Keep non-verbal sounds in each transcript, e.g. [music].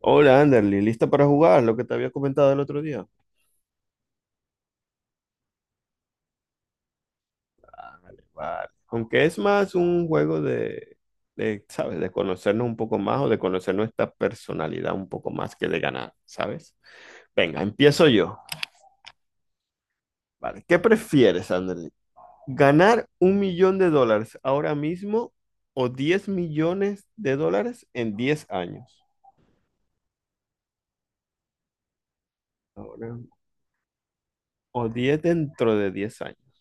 Hola, Anderly, ¿lista para jugar lo que te había comentado el otro día? Vale, vale. Aunque es más un juego ¿sabes? De conocernos un poco más o de conocer nuestra personalidad un poco más que de ganar, ¿sabes? Venga, empiezo yo. Vale, ¿qué prefieres, Anderly? ¿Ganar $1 millón ahora mismo o $10 millones en 10 años? Ahora, o 10 dentro de 10 años.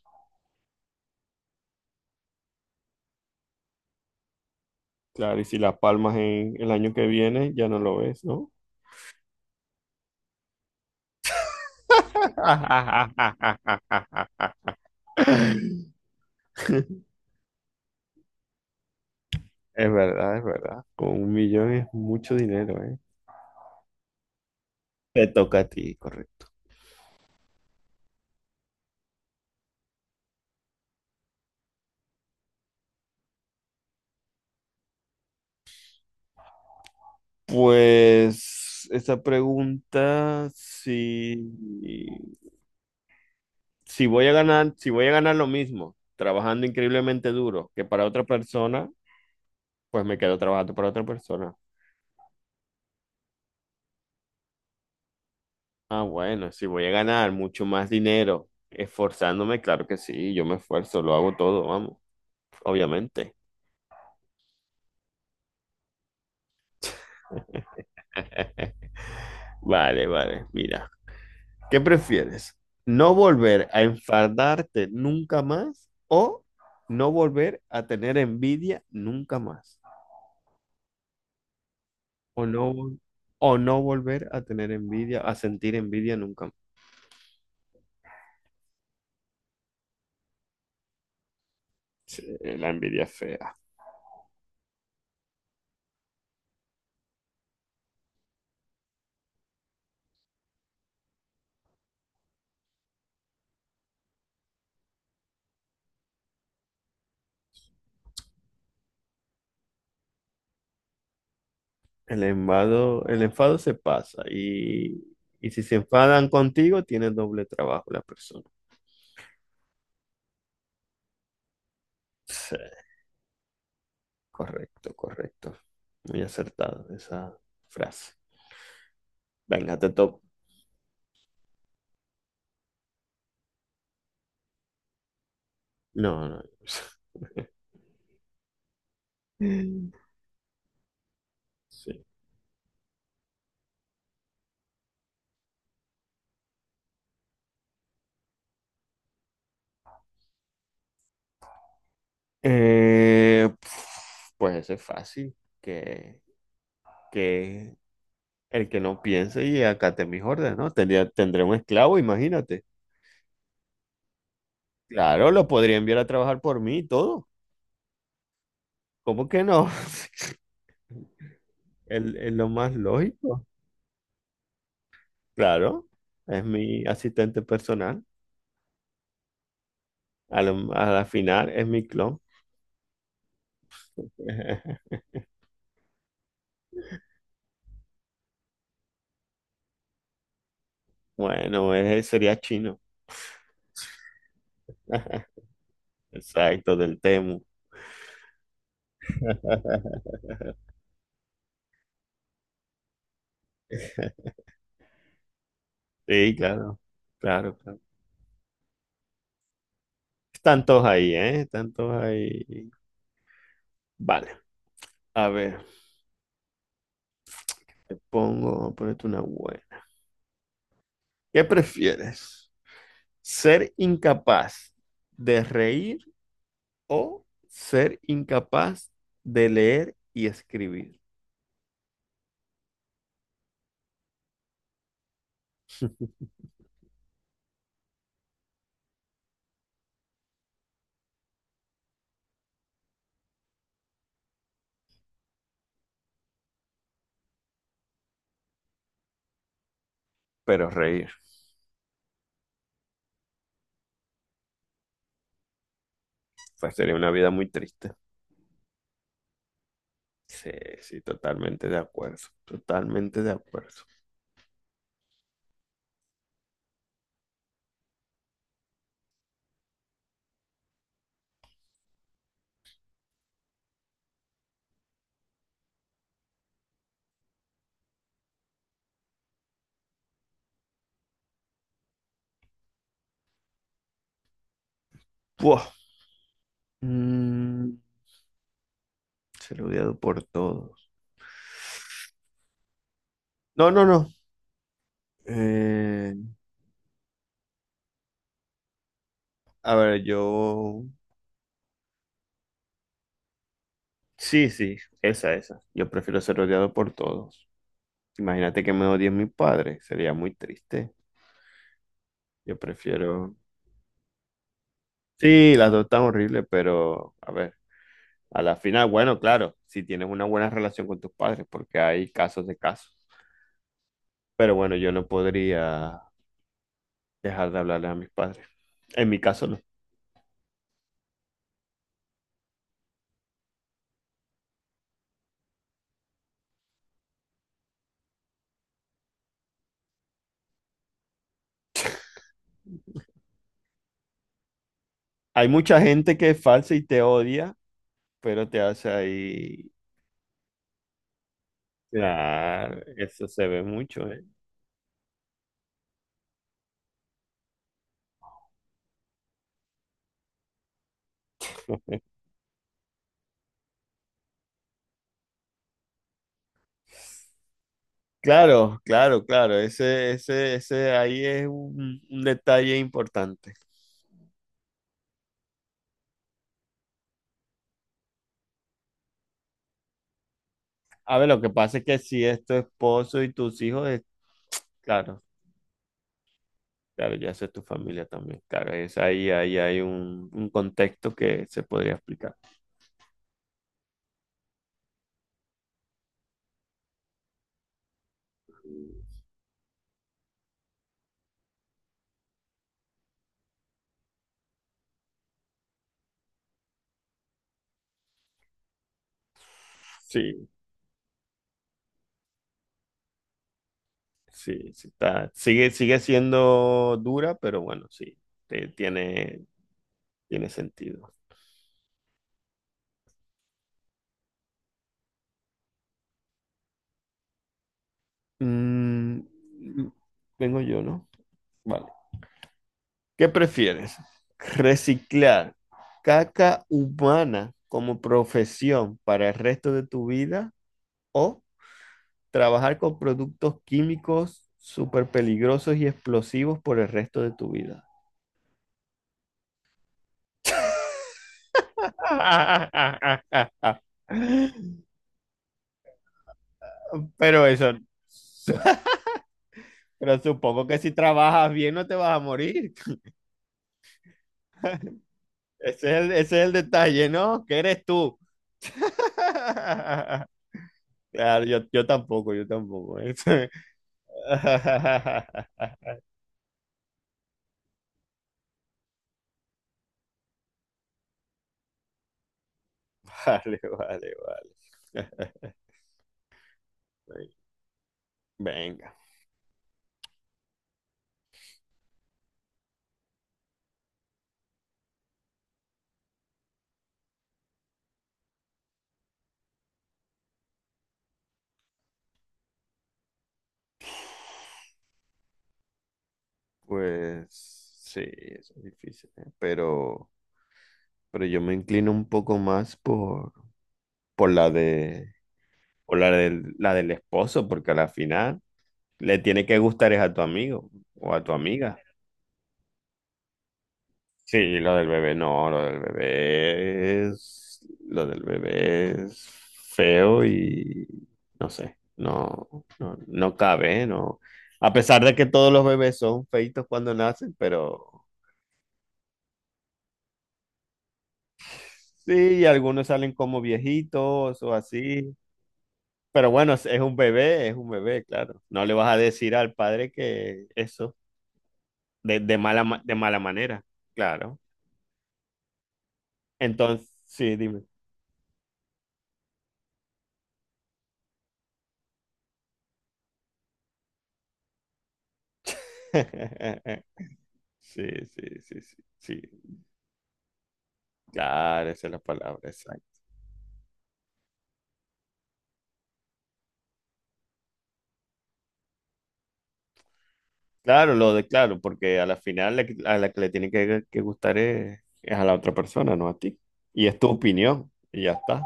Claro, y si las palmas en el año que viene ya no lo ves, ¿no? [laughs] Es verdad, es verdad. Con 1 millón es mucho dinero, ¿eh? Te toca a ti, correcto. Pues esa pregunta, si voy a ganar, si voy a ganar lo mismo, trabajando increíblemente duro que para otra persona, pues me quedo trabajando para otra persona. Ah, bueno, si voy a ganar mucho más dinero esforzándome, claro que sí, yo me esfuerzo, lo hago todo, vamos, obviamente. [laughs] Vale, vale, mira. ¿Qué prefieres? ¿No volver a enfadarte nunca más o no volver a tener envidia nunca más? O no, vol- o no volver a tener envidia, a sentir envidia nunca más. Sí, la envidia es fea. El enfado se pasa y si se enfadan contigo, tienes doble trabajo la persona. Sí, correcto, correcto. Muy acertado esa frase. Venga, te toco. No, no. [laughs] Mm. Sí. Eh, pf, pues ese es fácil, que, que el que no piense y acate mis órdenes, ¿no? Tendré un esclavo, imagínate. Claro, lo podría enviar a trabajar por mí y todo. ¿Cómo que no? [laughs] Es lo más lógico. Claro, es mi asistente personal. A la final es mi clon. [laughs] Bueno, ese sería chino. [laughs] Exacto, del Temu. [laughs] Sí, claro, claro, claro. Tantos ahí, ¿eh? Tantos ahí. Vale, a ver, ponete una buena. ¿Qué prefieres? ¿Ser incapaz de reír o ser incapaz de leer y escribir? Pero reír, pues sería una vida muy triste. Sí, sí, totalmente de acuerdo, totalmente de acuerdo. Buah, mm, ser odiado por todos. No, no, no. Eh, a ver, yo sí, sí, esa, esa. Yo prefiero ser odiado por todos. Imagínate que me odien mis padres, sería muy triste. Yo prefiero... Sí, las dos están horribles, pero a ver, a la final, bueno, claro, si tienes una buena relación con tus padres, porque hay casos de casos. Pero bueno, yo no podría dejar de hablarle a mis padres. En mi caso no. Hay mucha gente que es falsa y te odia, pero te hace ahí... Claro, eso se ve mucho, ¿eh? [laughs] Claro, claro, claro. Ese ahí es un detalle importante. A ver, lo que pasa es que si es tu esposo y tus hijos, claro, claro, ya eso es tu familia también. Claro, es ahí, ahí hay un contexto que se podría explicar. Sí, sí, sí está. Sigue, sigue siendo dura, pero bueno, sí, te- tiene, tiene sentido. Mm, vengo yo, ¿no? Vale. ¿Qué prefieres? ¿Reciclar caca humana como profesión para el resto de tu vida o trabajar con productos químicos súper peligrosos y explosivos por el resto de tu vida? [laughs] Pero eso, pero supongo que si trabajas bien no te vas a morir. Ese es ese es el detalle, ¿no? ¿Qué eres tú? [laughs] Claro, yo tampoco, yo tampoco. [laughs] [laughs] Vale, vale, vale. [laughs] Venga, pues sí, eso es difícil, ¿eh? Pero yo me inclino un poco más por la por la del esposo, porque a la final le tiene que gustar es a tu amigo o a tu amiga. Sí, lo del bebé no, lo del bebé es, lo del bebé es feo y no sé, no, no, no cabe, ¿eh? No. A pesar de que todos los bebés son feitos cuando nacen, pero sí, y algunos salen como viejitos o así. Pero bueno, es un bebé, claro. No le vas a decir al padre que eso, de mala, de mala manera, claro. Entonces, sí, dime. [laughs] Sí, sí, sí, sí, sí. Claro, esa es la palabra, exacto. Claro, lo de claro, porque a la final a la que le tiene que gustar es a la otra persona, no a ti. Y es tu opinión, y ya está,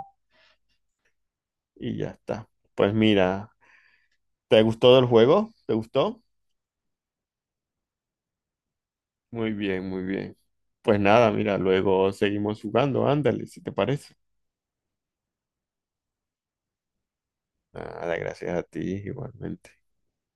y ya está. Pues mira, ¿te gustó el juego? ¿Te gustó? Muy bien, muy bien. Pues nada, mira, luego seguimos jugando, ándale, si te parece. Nada, gracias a ti igualmente.